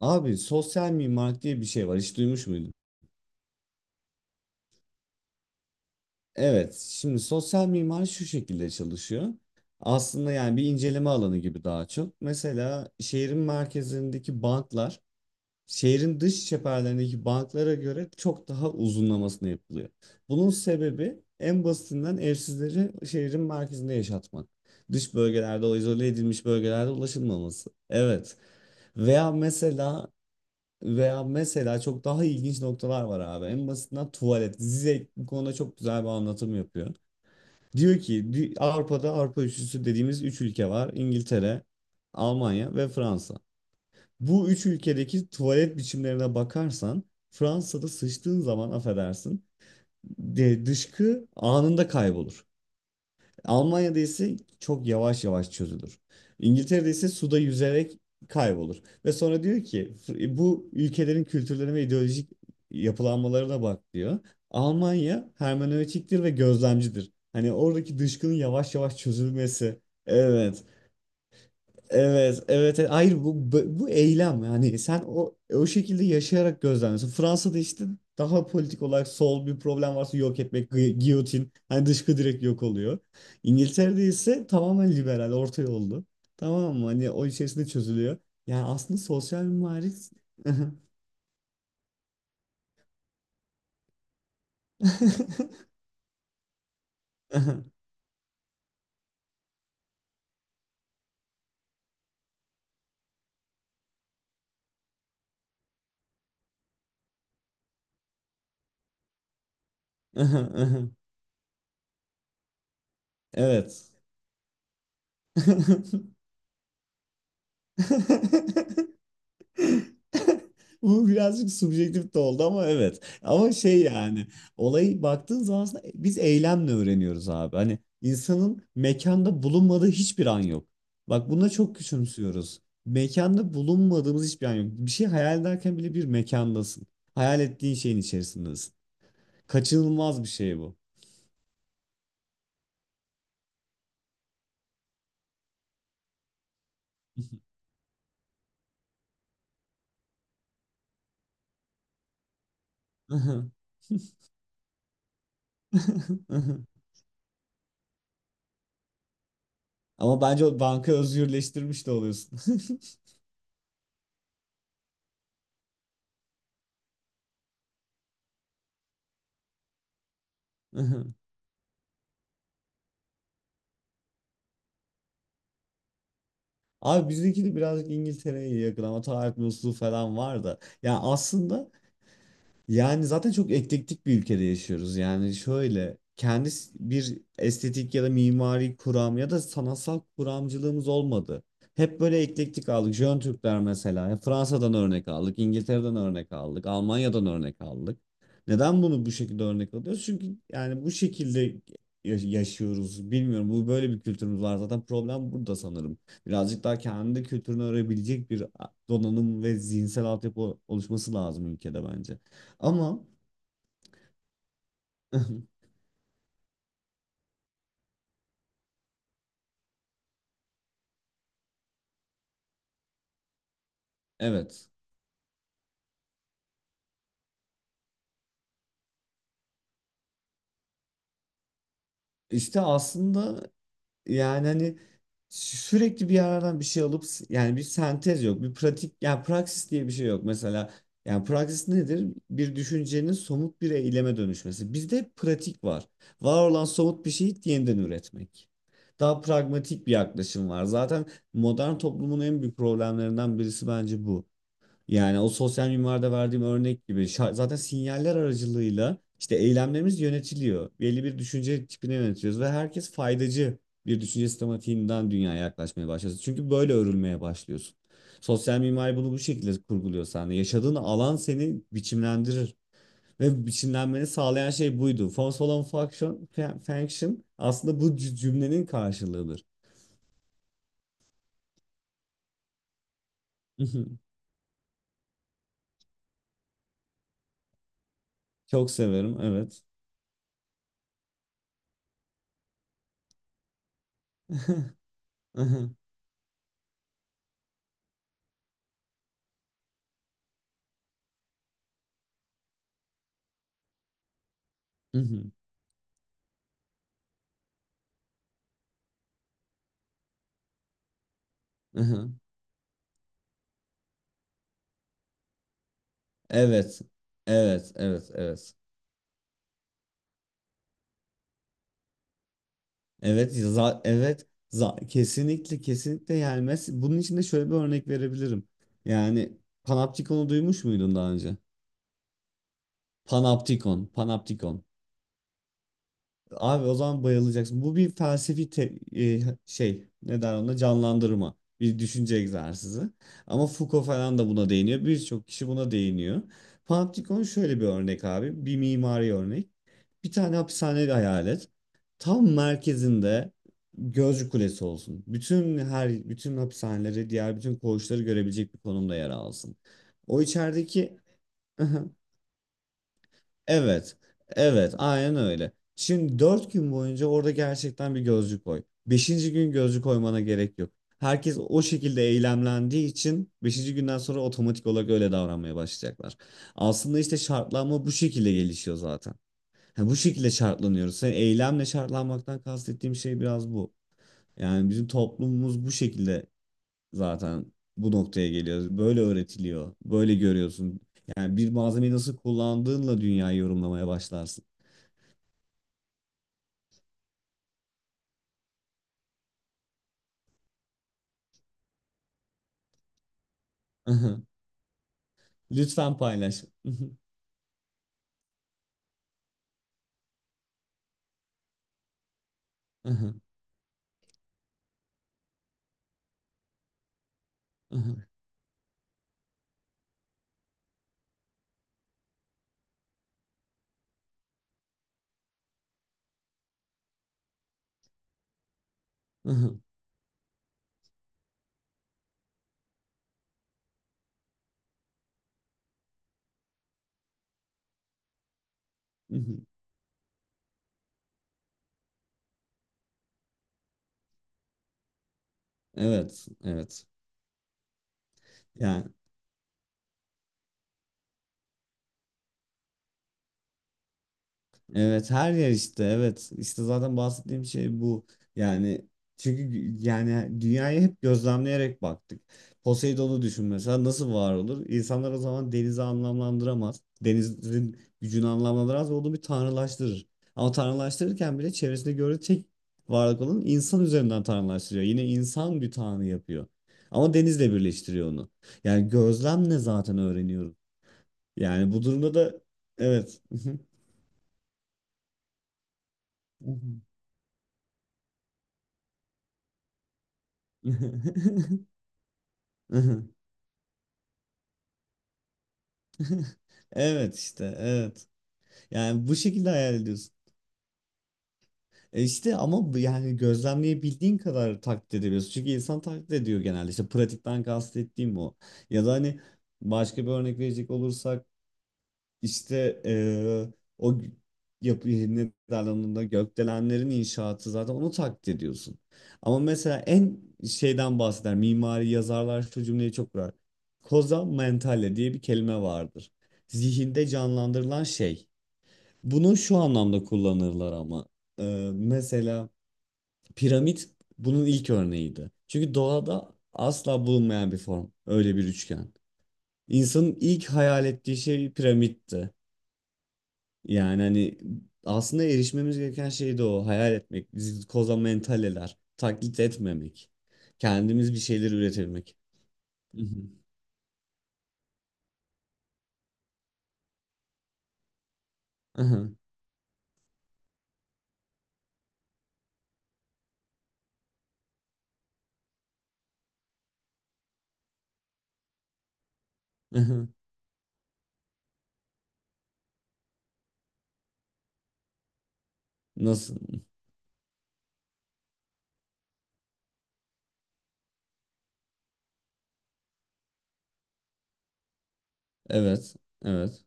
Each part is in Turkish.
Abi sosyal mimarlık diye bir şey var. Hiç duymuş muydun? Evet. Şimdi sosyal mimari şu şekilde çalışıyor. Aslında yani bir inceleme alanı gibi daha çok. Mesela şehrin merkezindeki banklar şehrin dış çeperlerindeki banklara göre çok daha uzunlamasına yapılıyor. Bunun sebebi en basitinden evsizleri şehrin merkezinde yaşatmak. Dış bölgelerde o izole edilmiş bölgelerde ulaşılmaması. Evet. Veya mesela Veya mesela çok daha ilginç noktalar var abi. En basitinden tuvalet. Zizek bu konuda çok güzel bir anlatım yapıyor. Diyor ki Avrupa'da Avrupa üçlüsü dediğimiz üç ülke var. İngiltere, Almanya ve Fransa. Bu üç ülkedeki tuvalet biçimlerine bakarsan Fransa'da sıçtığın zaman affedersin dışkı anında kaybolur. Almanya'da ise çok yavaş yavaş çözülür. İngiltere'de ise suda yüzerek kaybolur. Ve sonra diyor ki bu ülkelerin kültürlerine ve ideolojik yapılanmalarına bak," diyor. Almanya hermenötiktir ve gözlemcidir. Hani oradaki dışkının yavaş yavaş çözülmesi. Evet. Evet, evet. Evet. Hayır, bu bu eylem, yani sen o şekilde yaşayarak gözlemliyorsun. Fransa'da işte daha politik olarak sol bir problem varsa yok etmek, giyotin, hani dışkı direkt yok oluyor. İngiltere'de ise tamamen liberal, orta yollu. Tamam mı? Hani o içerisinde çözülüyor. Yani aslında sosyal mimari. Evet. Bu birazcık subjektif de oldu ama evet. Ama şey yani olayı baktığın zaman aslında biz eylemle öğreniyoruz abi. Hani insanın mekanda bulunmadığı hiçbir an yok. Bak, buna çok küçümsüyoruz. Mekanda bulunmadığımız hiçbir an yok. Bir şey hayal ederken bile bir mekandasın. Hayal ettiğin şeyin içerisindesin. Kaçınılmaz bir şey bu. Ama bence o banka özgürleştirmiş de oluyorsun. Abi, bizdeki de birazcık İngiltere'ye yakın ama tarih bozukluğu falan var da. Ya aslında yani zaten çok eklektik bir ülkede yaşıyoruz. Yani şöyle kendi bir estetik ya da mimari kuram ya da sanatsal kuramcılığımız olmadı. Hep böyle eklektik aldık. Jön Türkler mesela. Ya Fransa'dan örnek aldık, İngiltere'den örnek aldık, Almanya'dan örnek aldık. Neden bunu bu şekilde örnek alıyoruz? Çünkü yani bu şekilde yaşıyoruz. Bilmiyorum, bu böyle bir kültürümüz var. Zaten problem burada sanırım. Birazcık daha kendi kültürünü öğrenebilecek bir donanım ve zihinsel altyapı oluşması lazım ülkede bence. Ama evet, işte aslında yani hani sürekli bir yerden bir şey alıp, yani bir sentez yok, bir pratik, yani praksis diye bir şey yok mesela. Yani praksis nedir? Bir düşüncenin somut bir eyleme dönüşmesi. Bizde hep pratik var, var olan somut bir şeyi yeniden üretmek. Daha pragmatik bir yaklaşım var zaten. Modern toplumun en büyük problemlerinden birisi bence bu. Yani o sosyal mimarda verdiğim örnek gibi, zaten sinyaller aracılığıyla işte eylemlerimiz yönetiliyor. Belli bir düşünce tipine yönetiyoruz ve herkes faydacı bir düşünce sistematiğinden dünyaya yaklaşmaya başlıyorsun. Çünkü böyle örülmeye başlıyorsun. Sosyal mimari bunu bu şekilde kurguluyor sende. Yaşadığın alan seni biçimlendirir ve biçimlenmeni sağlayan şey buydu. Force olan function, function aslında bu cümlenin karşılığıdır. Çok severim, evet. Evet. Evet, evet, evet. Evet, evet. Kesinlikle, kesinlikle, yani bunun için de şöyle bir örnek verebilirim. Yani Panopticon'u duymuş muydun daha önce? Panopticon, Panopticon. Abi, o zaman bayılacaksın. Bu bir felsefi şey, ne der ona, canlandırma. Bir düşünce egzersizi. Ama Foucault falan da buna değiniyor. Birçok kişi buna değiniyor. Panoptikon şöyle bir örnek abi. Bir mimari örnek. Bir tane hapishane hayal et. Tam merkezinde gözcü kulesi olsun. Bütün hapishaneleri, diğer bütün koğuşları görebilecek bir konumda yer alsın. O içerideki. Evet. Evet. Aynen öyle. Şimdi 4 gün boyunca orada gerçekten bir gözcü koy. 5. gün gözcü koymana gerek yok. Herkes o şekilde eylemlendiği için 5. günden sonra otomatik olarak öyle davranmaya başlayacaklar. Aslında işte şartlanma bu şekilde gelişiyor zaten. Ha, bu şekilde şartlanıyoruz. Sen eylemle şartlanmaktan kastettiğim şey biraz bu. Yani bizim toplumumuz bu şekilde zaten bu noktaya geliyor. Böyle öğretiliyor. Böyle görüyorsun. Yani bir malzemeyi nasıl kullandığınla dünyayı yorumlamaya başlarsın. Aha. Lütfen paylaş. Aha, aha, aha, aha. Evet, evet. Yani evet, her yer işte, evet işte zaten bahsettiğim şey bu yani. Çünkü yani dünyayı hep gözlemleyerek baktık. Poseidon'u düşün mesela, nasıl var olur? İnsanlar o zaman denizi anlamlandıramaz. Denizin gücünü anlamlandıramaz ve onu bir tanrılaştırır. Ama tanrılaştırırken bile çevresinde gördüğü tek varlık olan insan üzerinden tanrılaştırıyor. Yine insan bir tanrı yapıyor. Ama denizle birleştiriyor onu. Yani gözlemle zaten öğreniyoruz. Yani bu durumda da evet. Evet işte, evet. Yani bu şekilde hayal ediyorsun. E işte, ama bu yani gözlemleyebildiğin kadar taklit edebiliyorsun. Çünkü insan taklit ediyor genelde. İşte pratikten kastettiğim o. Ya da hani başka bir örnek verecek olursak, İşte o yapı ne derler, onunla gökdelenlerin inşaatı, zaten onu taklit ediyorsun. Ama mesela en şeyden bahseder mimari yazarlar, şu cümleyi çok kurar. Koza mentale diye bir kelime vardır. Zihinde canlandırılan şey. Bunu şu anlamda kullanırlar ama mesela piramit bunun ilk örneğiydi. Çünkü doğada asla bulunmayan bir form, öyle bir üçgen. İnsanın ilk hayal ettiği şey piramitti. Yani hani aslında erişmemiz gereken şey de o. Hayal etmek, bizi koza mentaleler, taklit etmemek. Kendimiz bir şeyler üretebilmek. Hı hı. Aha, aha. Nasıl? Evet, evet.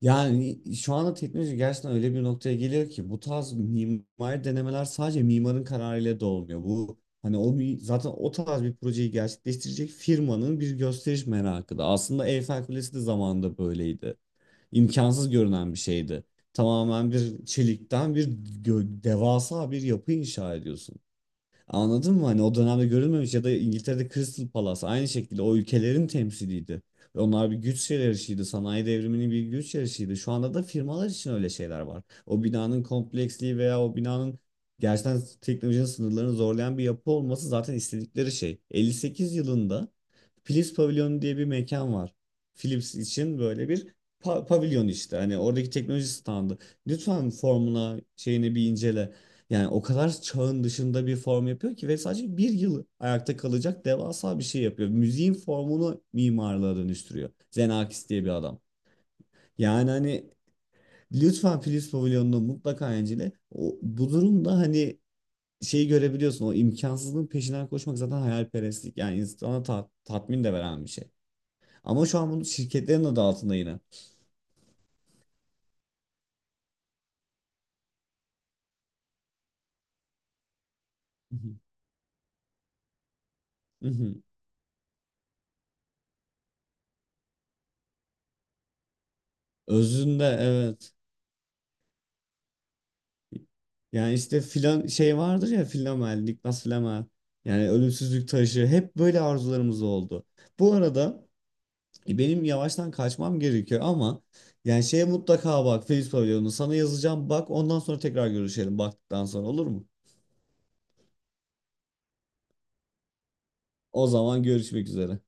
Yani şu anda teknoloji gerçekten öyle bir noktaya geliyor ki bu tarz mimari denemeler sadece mimarın kararıyla da olmuyor. Bu, hani o zaten o tarz bir projeyi gerçekleştirecek firmanın bir gösteriş merakı da. Aslında Eyfel Kulesi de zamanında böyleydi. İmkansız görünen bir şeydi. Tamamen bir çelikten bir devasa bir yapı inşa ediyorsun. Anladın mı? Hani o dönemde görülmemiş ya da İngiltere'de Crystal Palace aynı şekilde o ülkelerin temsiliydi. Ve onlar bir güç yarışıydı. Sanayi devriminin bir güç yarışıydı. Şu anda da firmalar için öyle şeyler var. O binanın kompleksliği veya o binanın gerçekten teknolojinin sınırlarını zorlayan bir yapı olması zaten istedikleri şey. 58 yılında Philips Pavilyonu diye bir mekan var. Philips için böyle bir pavilyon işte. Hani oradaki teknoloji standı. Lütfen formuna, şeyini bir incele. Yani o kadar çağın dışında bir form yapıyor ki, ve sadece bir yıl ayakta kalacak devasa bir şey yapıyor. Müziğin formunu mimarlığa dönüştürüyor. Xenakis diye bir adam. Yani hani lütfen Philips Pavilion'unu mutlaka incele. O, bu durumda hani şeyi görebiliyorsun. O imkansızlığın peşinden koşmak zaten hayalperestlik. Yani insana tatmin de veren bir şey. Ama şu an bunu şirketlerin adı altında yine. Hı hı. Hı hı. Özünde evet. Yani işte filan şey vardır ya, Flamel, Niklas Flamel. Yani ölümsüzlük taşı, hep böyle arzularımız oldu. Bu arada benim yavaştan kaçmam gerekiyor ama yani şeye mutlaka bak, Feliz Pavilion'u sana yazacağım, bak ondan sonra tekrar görüşelim baktıktan sonra, olur mu? O zaman görüşmek üzere.